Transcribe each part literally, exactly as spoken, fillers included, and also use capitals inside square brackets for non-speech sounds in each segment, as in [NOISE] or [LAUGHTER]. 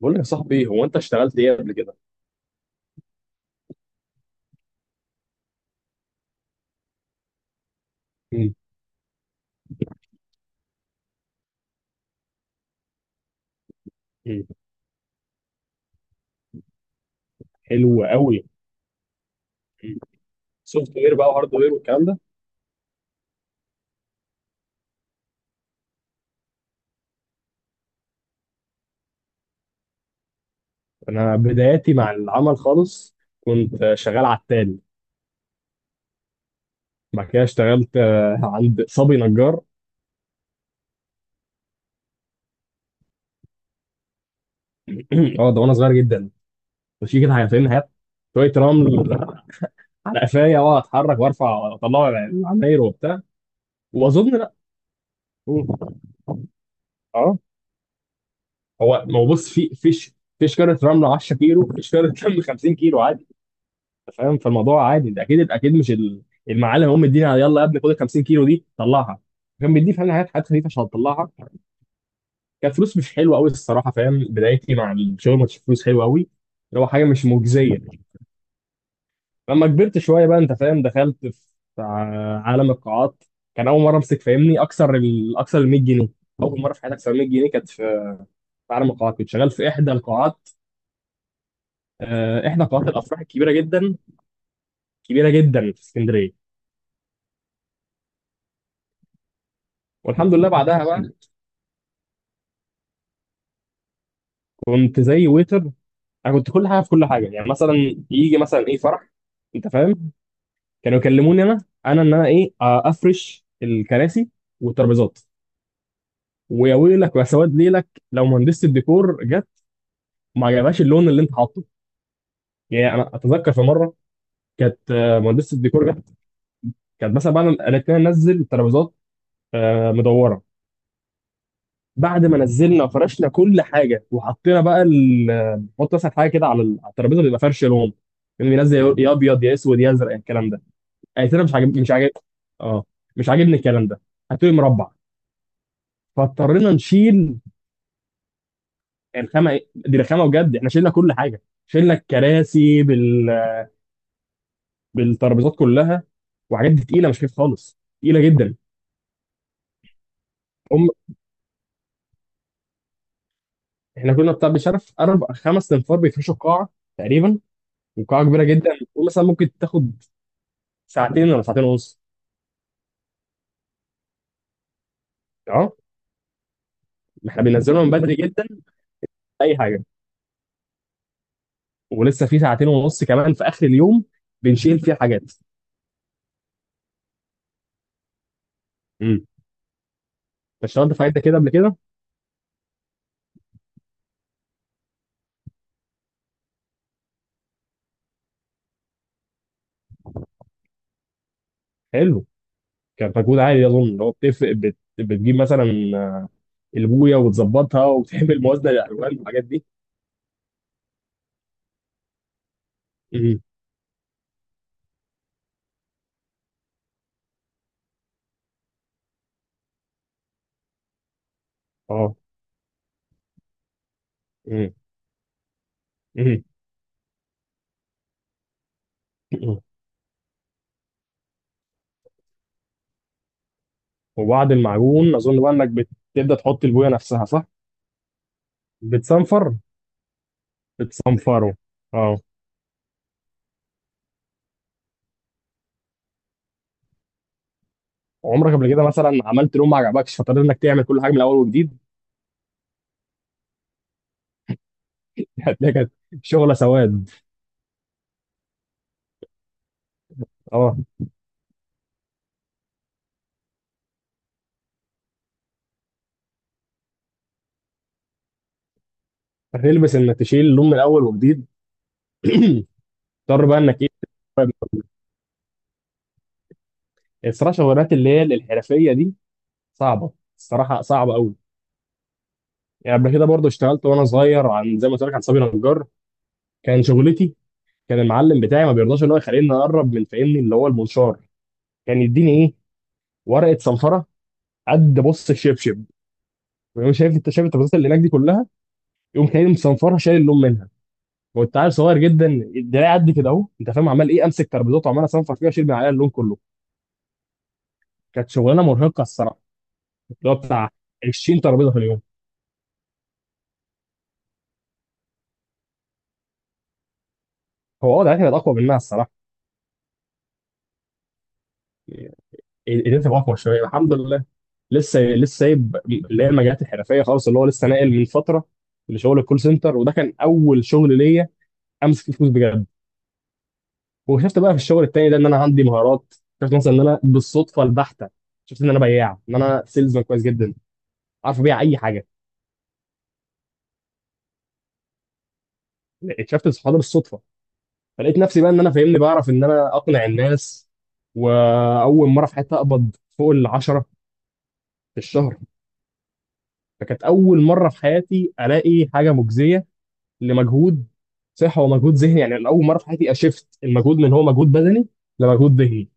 بقول لك يا صاحبي، هو انت اشتغلت ايه قبل كده؟ مم. مم. حلو قوي. سوفت وير بقى وهارد وير والكلام ده؟ انا بداياتي مع العمل خالص. كنت آه، شغال عتال. بعد كده اشتغلت آه، عند صبي نجار. [CLEARS THROAT] اه، ده وانا صغير جدا. مش كده، حاجتين هات شويه رمل على قفايا، واقعد اتحرك وارفع واطلع العماير وبتاع. واظن لا. مم. اه، هو ما هو بص، في فيش؟ فيش كارت رمل عشرة كيلو، فيش كارت رمل خمسين كيلو. انت فاهم، فالموضوع عادي ده، اكيد اكيد مش ال- المعلم هم مدينا يلا يا ابني، خد ال خمسين كيلو دي طلعها. كان بيديه فعلا حاجات حاجات خفيفه عشان تطلعها. كانت فلوس مش حلوه قوي الصراحه، فاهم، بدايتي مع الشغل ما كانتش فلوس حلوه قوي. اللي هو حاجه مش مجزيه. لما كبرت شويه بقى، انت فاهم، دخلت في ع- عالم القاعات. كان اول مره امسك، فاهمني، اكثر ال اكثر ال مية جنيه. اول مره في حياتي اكثر من مية جنيه كانت في، في عالم القاعات كنت شغال في احدى القاعات. آه، احدى قاعات الافراح الكبيره جدا، كبيره جدا، في اسكندريه. والحمد لله بعدها بقى كنت زي ويتر. انا كنت كل حاجه في كل حاجه، يعني مثلا يجي مثلا ايه، فرح، انت فاهم، كانوا يكلموني انا. انا ان انا ايه آه، افرش الكراسي والترابيزات. ويا ويلك ويا سواد ليلك لو مهندسه الديكور جت ما عجبهاش اللون اللي انت حاطه. يعني انا اتذكر في مره، كانت آه، مهندسه الديكور جت. كانت مثلا بعد ما قالت لنا ننزل الترابيزات آه، مدوره، بعد ما نزلنا وفرشنا كل حاجه وحطينا بقى ال- آه، حط مثلا حاجه كده على ال- على الترابيزه، بيبقى فرش لون، يعني بينزل يا ابيض يا اسود يا ازرق، الكلام ده. قالت لنا مش عاجب، مش عاجب. اه، مش عاجبني الكلام ده، هاتولي مربع. فاضطرينا نشيل. الخامه دي رخامه بجد. احنا شلنا كل حاجه، شلنا الكراسي بال... بالترابيزات كلها. وحاجات دي تقيله، مش خفيف خالص، تقيله جدا. هم احنا كنا بتاع بشرف اربع خمس انفار بيفرشوا القاعه تقريبا. وقاعه كبيره جدا. ومثلا ممكن تاخد ساعتين ولا ساعتين ونص. اه. احنا بننزلهم من بدري جدا اي حاجه، ولسه في ساعتين ونص كمان في اخر اليوم بنشيل فيها حاجات. امم اشتغلت في حاجات كده قبل كده. حلو. كان مجهود عالي اظن، اللي هو بتفرق بت... بتجيب مثلا البويه وتظبطها، وبتعمل موازنه للالوان والحاجات دي. مم. اه. مم. مم. مم. وبعد المعجون اظن بقى انك بتبدا تحط البويه نفسها، صح؟ بتصنفر بتصنفره، اه. عمرك قبل كده مثلا عملت لون ما عجبكش، فاضطريت انك تعمل كل حاجه من الاول وجديد؟ [LAUGHS] هتلاقي كانت شغله سواد. اه. هتلبس انك تشيل لون من الاول وجديد. [CLEARS THROAT] اضطر بقى انك ايه. الصراحه شغلات اللي هي الحرفيه دي صعبه. الصراحه صعبه قوي. يعني قبل كده برضه اشتغلت وانا صغير، عن زي ما قلت لك، عن صبي نجار كان شغلتي. كان المعلم بتاعي ما بيرضاش ان هو يخليني اقرب من، فاهمني، اللي هو المنشار. كان يديني ايه؟ ورقه صنفره قد بص الشبشب. يقوم شايف، انت شايف التفاصيل اللي هناك دي كلها، يقوم خليني مصنفرها، شايل اللون منها. كنت عيل صغير جدا، الدراع قد كده اهو، انت فاهم، عمال ايه، امسك ترابيزات وعمال اصنفر فيها اشيل من عليها اللون كله. كانت شغلانه مرهقه الصراحه. اللي هو بتاع عشرين ترابيزه في اليوم. هو اه دلوقتي بقت اقوى منها الصراحه. ايدين تبقى اقوى شويه، الحمد لله. لسه لسه سايب اللي هي المجالات الحرفيه خالص، اللي هو لسه ناقل من فتره لشغل الكول سنتر، وده كان اول شغل ليا امسك فيه فلوس بجد. وشفت بقى في الشغل التاني ده ان انا عندي مهارات. شفت مثلا ان انا، بالصدفه البحته، شفت ان انا بياع، ان انا سيلزمان كويس جدا، عارف ابيع اي حاجه. اكتشفت الصحاب ده بالصدفه، فلقيت نفسي بقى ان انا، فاهمني، بعرف ان انا اقنع الناس. واول مره في حياتي اقبض فوق العشرة في الشهر. فكانت اول مره في حياتي الاقي حاجه مجزيه لمجهود، صحه ومجهود ذهني. يعني انا اول مره في حياتي اشفت المجهود من هو مجهود بدني لمجهود ذهني.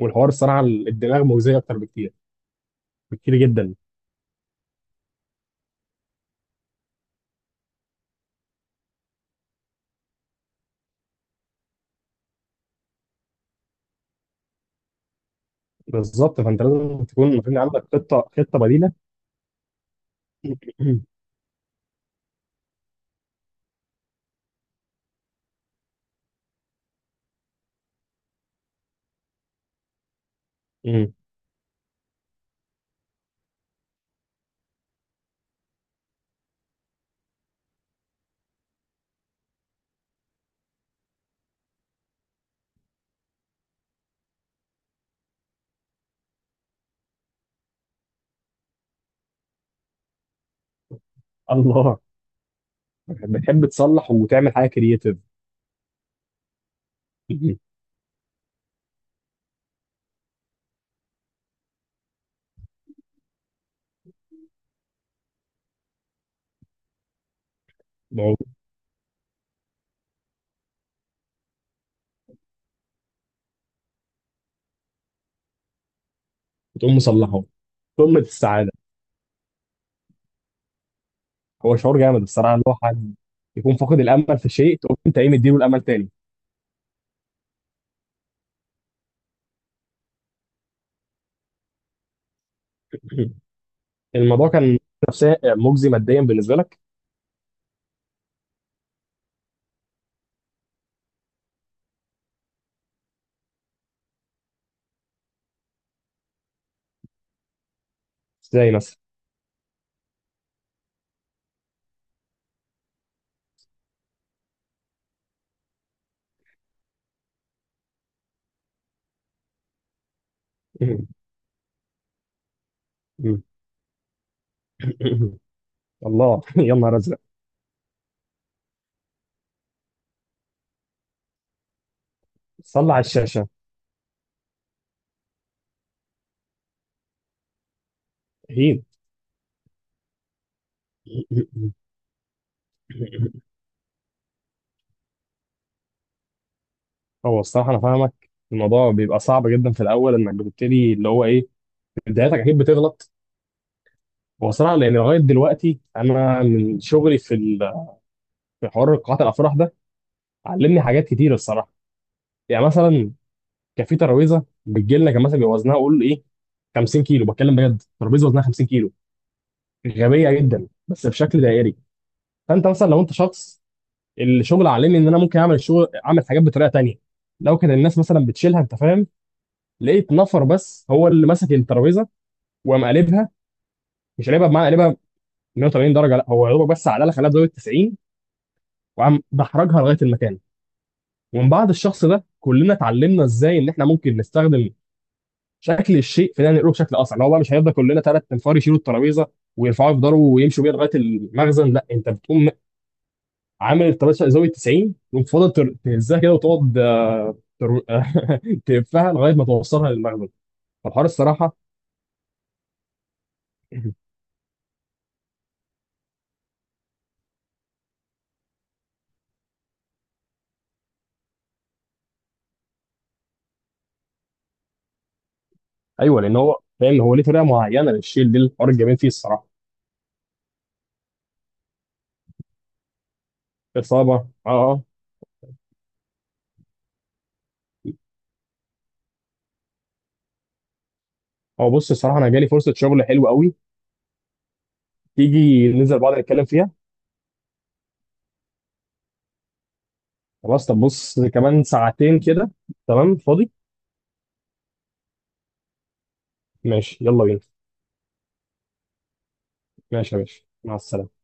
والحوار الصراحه الدماغ مجزيه اكتر بكتير، بكتير جدا. بالظبط، فانت لازم تكون، المفروض عندك خطه، خطه بديله. [CLEARS THROAT] [LAUGHS] أمم. الله، بتحب تصلح وتعمل حاجه كرييتيف. [CLEARS THROAT] وتقوم مصلحه، قمه السعاده. هو شعور جامد الصراحه، اللي هو حد يكون فاقد الامل في شيء، تقوم انت ايه، مديله الامل تاني. [CLEARS THROAT] [LAUGHS] الموضوع كان نفسيا مجزي، ماديا بالنسبه لك؟ ازاي مثلا؟ [CLEARS THROAT] [LAUGHS] [LAUGHS] الله، [LAUGHS] يا نهار ازرق. صلى على الشاشه. هين. [LAUGHS] هو الصراحه انا فاهمك، الموضوع بيبقى صعب جدا في الاول انك بتبتدي، اللي هو ايه، بدايتك اكيد بتغلط. هو صراحه لان لغايه دلوقتي انا من شغلي في ال- في حوار قاعات الافراح ده، علمني حاجات كتير الصراحه. يعني مثلا كان في ترابيزه بتجي لنا، كان مثلا بيبقى وزنها، قول ايه، خمسين كيلو. بتكلم بجد، ترابيزه وزنها خمسين كيلو، غبيه جدا، بس بشكل دائري. فانت مثلا لو انت شخص، الشغل علمني ان انا ممكن اعمل الشغل، اعمل حاجات بطريقه تانية. لو كان الناس مثلا بتشيلها، انت فاهم، لقيت نفر بس هو اللي ماسك الترابيزه وقام قلبها. مش قلبها بمعنى قلبها مائة وثمانين درجه، لا، هو يا دوبك بس على خلاها بزاويه تسعين وقام دحرجها لغايه المكان. ومن بعد الشخص ده كلنا اتعلمنا ازاي ان احنا ممكن نستخدم شكل الشيء في ان نقله بشكل اسرع. اللي هو بقى مش هيفضل كلنا ثلاث انفار يشيلوا الترابيزه ويرفعوا، يفضلوا ويمشوا بيها لغايه المخزن، لا، انت بتقوم عامل الترابيزه زاويه تسعين، تقوم فاضل تهزها كده، وتقعد ترو... [LAUGHS] تلفها لغايه ما توصلها للمخزن. فالحوار الصراحه. [LAUGHS] [CLEARS THROAT] ايوه، لان هو فاهم، هو ليه طريقه معينه للشيل دي، الحوار الجميل فيه الصراحه. اصابه، اه، اه. هو بص الصراحه انا جالي فرصه شغل حلوه قوي، تيجي ننزل بعض نتكلم فيها؟ خلاص، طب بص كمان ساعتين كده، تمام، فاضي. ماشي، يلا بينا. ماشي يا باشا، مع السلامه.